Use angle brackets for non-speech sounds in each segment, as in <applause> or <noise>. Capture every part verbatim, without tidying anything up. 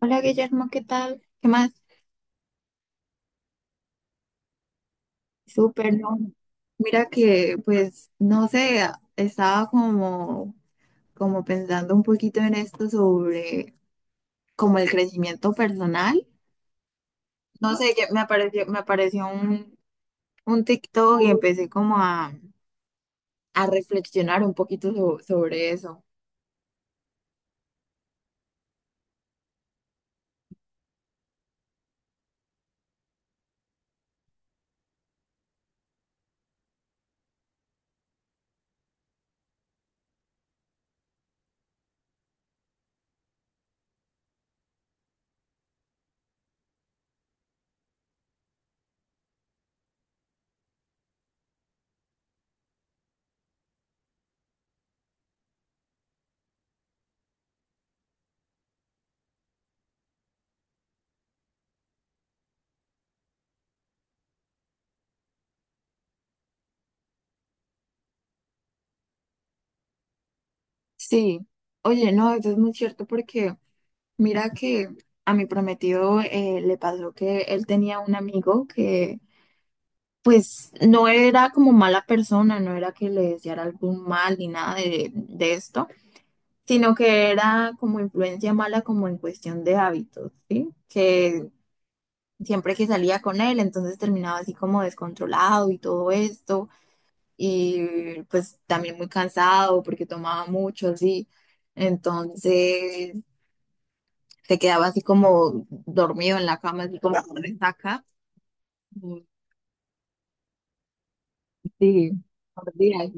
Hola Guillermo, ¿qué tal? ¿Qué más? Súper, ¿no? Mira que pues no sé, estaba como, como pensando un poquito en esto sobre como el crecimiento personal. No sé, que me apareció, me apareció un, un TikTok y empecé como a, a reflexionar un poquito so- sobre eso. Sí, oye, no, eso es muy cierto porque mira que a mi prometido eh, le pasó que él tenía un amigo que pues no era como mala persona, no era que le deseara algún mal ni nada de, de esto, sino que era como influencia mala como en cuestión de hábitos, ¿sí? Que siempre que salía con él, entonces terminaba así como descontrolado y todo esto, y pues también muy cansado porque tomaba mucho, sí. Entonces se quedaba así como dormido en la cama, así como con resaca. Sí, por días.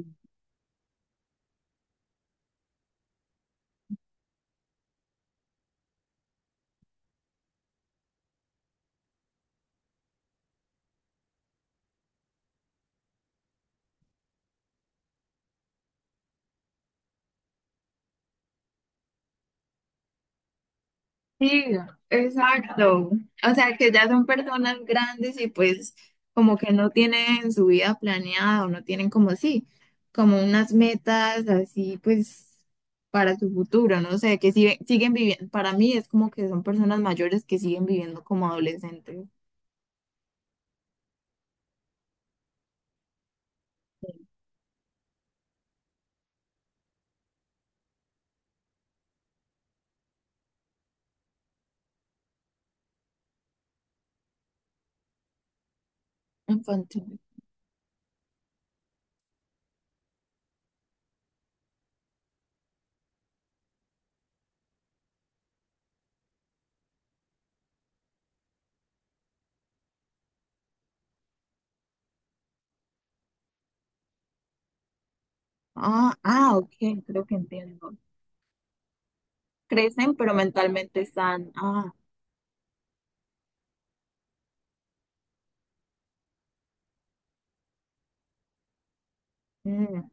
Sí, exacto. O sea, que ya son personas grandes y pues como que no tienen su vida planeada o no tienen como sí, como unas metas así pues para su futuro, no sé, que sigue- siguen viviendo, para mí es como que son personas mayores que siguen viviendo como adolescentes infantiles. Ah, ah, ok, creo que entiendo. Crecen, pero mentalmente están, ah, mm,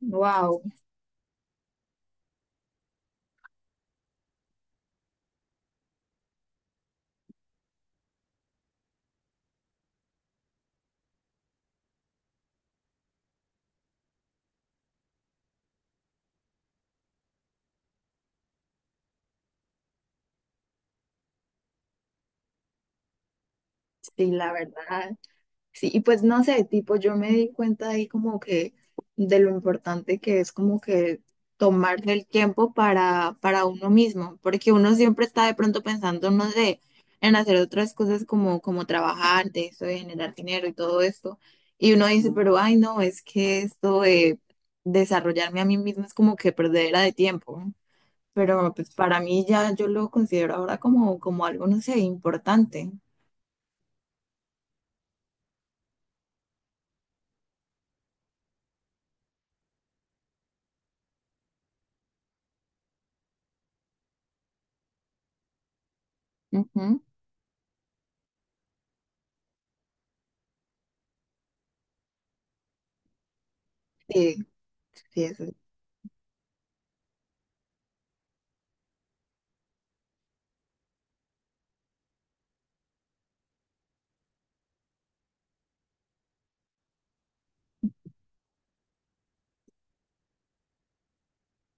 wow, sí, la verdad. Sí, y pues no sé, tipo, yo me di cuenta ahí como que de lo importante que es como que tomarse el tiempo para, para uno mismo, porque uno siempre está de pronto pensando, no sé, en hacer otras cosas como, como trabajar de eso, de generar dinero y todo esto. Y uno dice, pero ay, no, es que esto de desarrollarme a mí mismo es como que perdera de tiempo. Pero pues para mí ya yo lo considero ahora como, como algo, no sé, importante. Ujú. Sí, sí, eso.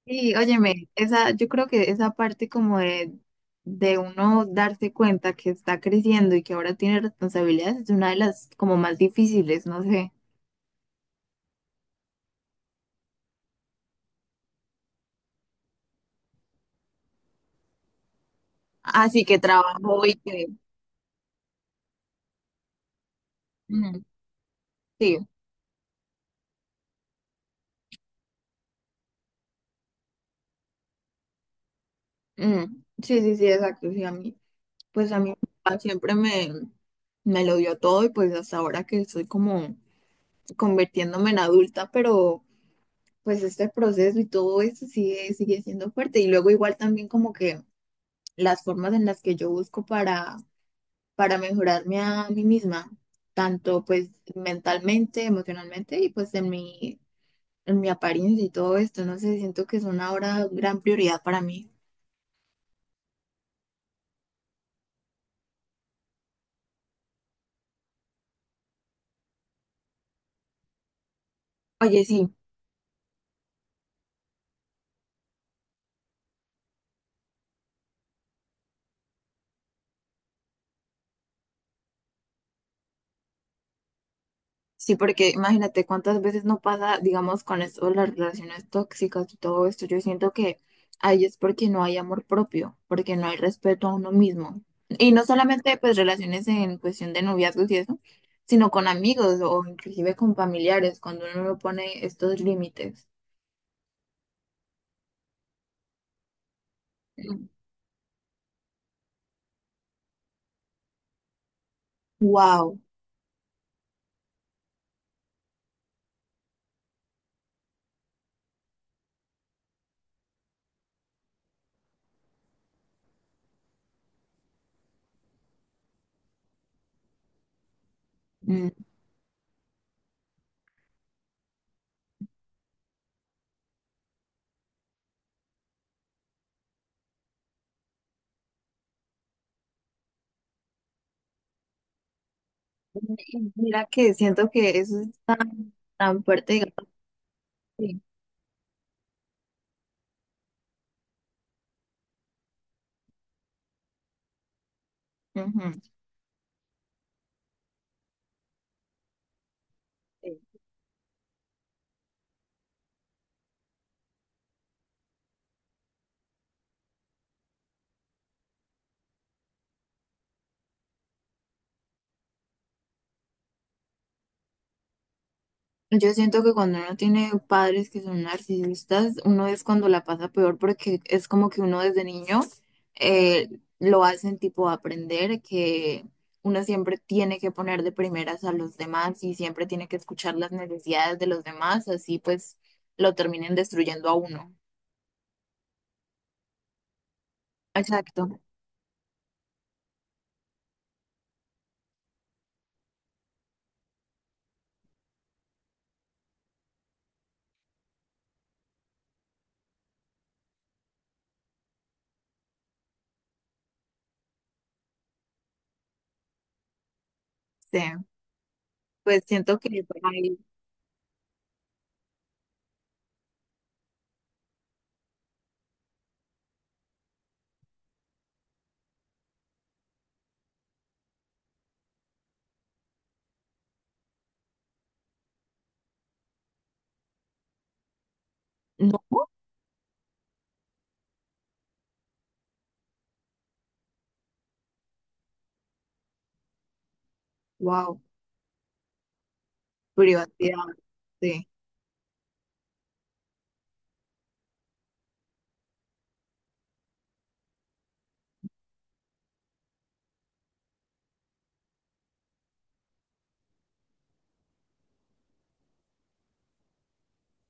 Sí, óyeme, esa, yo creo que esa parte como de, de uno darse cuenta que está creciendo y que ahora tiene responsabilidades es una de las como más difíciles, no sé. Así que trabajo y que... mm, sí, mm, sí, sí, sí, exacto. Sí, a mí, pues a mi papá siempre me, me lo dio todo y pues hasta ahora que estoy como convirtiéndome en adulta, pero pues este proceso y todo eso sigue, sigue siendo fuerte. Y luego igual también como que las formas en las que yo busco para para mejorarme a mí misma, tanto pues mentalmente, emocionalmente y pues en mi, en mi apariencia y todo esto. No sé, siento que es una ahora gran prioridad para mí. Oye, sí, sí, porque imagínate cuántas veces no pasa, digamos, con esto, las relaciones tóxicas y todo esto. Yo siento que ahí es porque no hay amor propio, porque no hay respeto a uno mismo. Y no solamente pues relaciones en cuestión de noviazgos y eso, sino con amigos o inclusive con familiares, cuando uno no pone estos límites. Wow. Mira que siento que eso es tan, tan fuerte, digamos, que, ujú. Sí. Yo siento que cuando uno tiene padres que son narcisistas, uno es cuando la pasa peor porque es como que uno desde niño eh, lo hacen tipo aprender que uno siempre tiene que poner de primeras a los demás y siempre tiene que escuchar las necesidades de los demás, así pues lo terminen destruyendo a uno. Exacto. Sí, pues siento que por ahí no. Wow, privacidad, sí.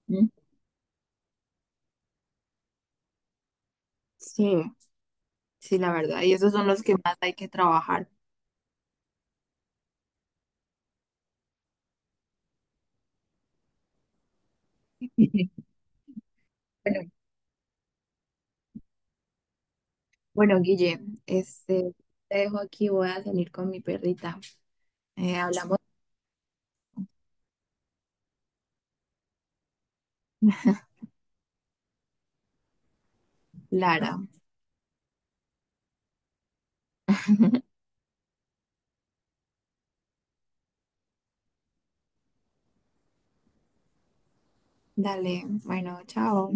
¿Mm? Sí, sí, la verdad. Y esos son los que más hay que trabajar. <laughs> Bueno, bueno, Guille, este, te dejo aquí, voy a salir con mi perrita. Eh, hablamos, Lara. <laughs> Dale, bueno, chao.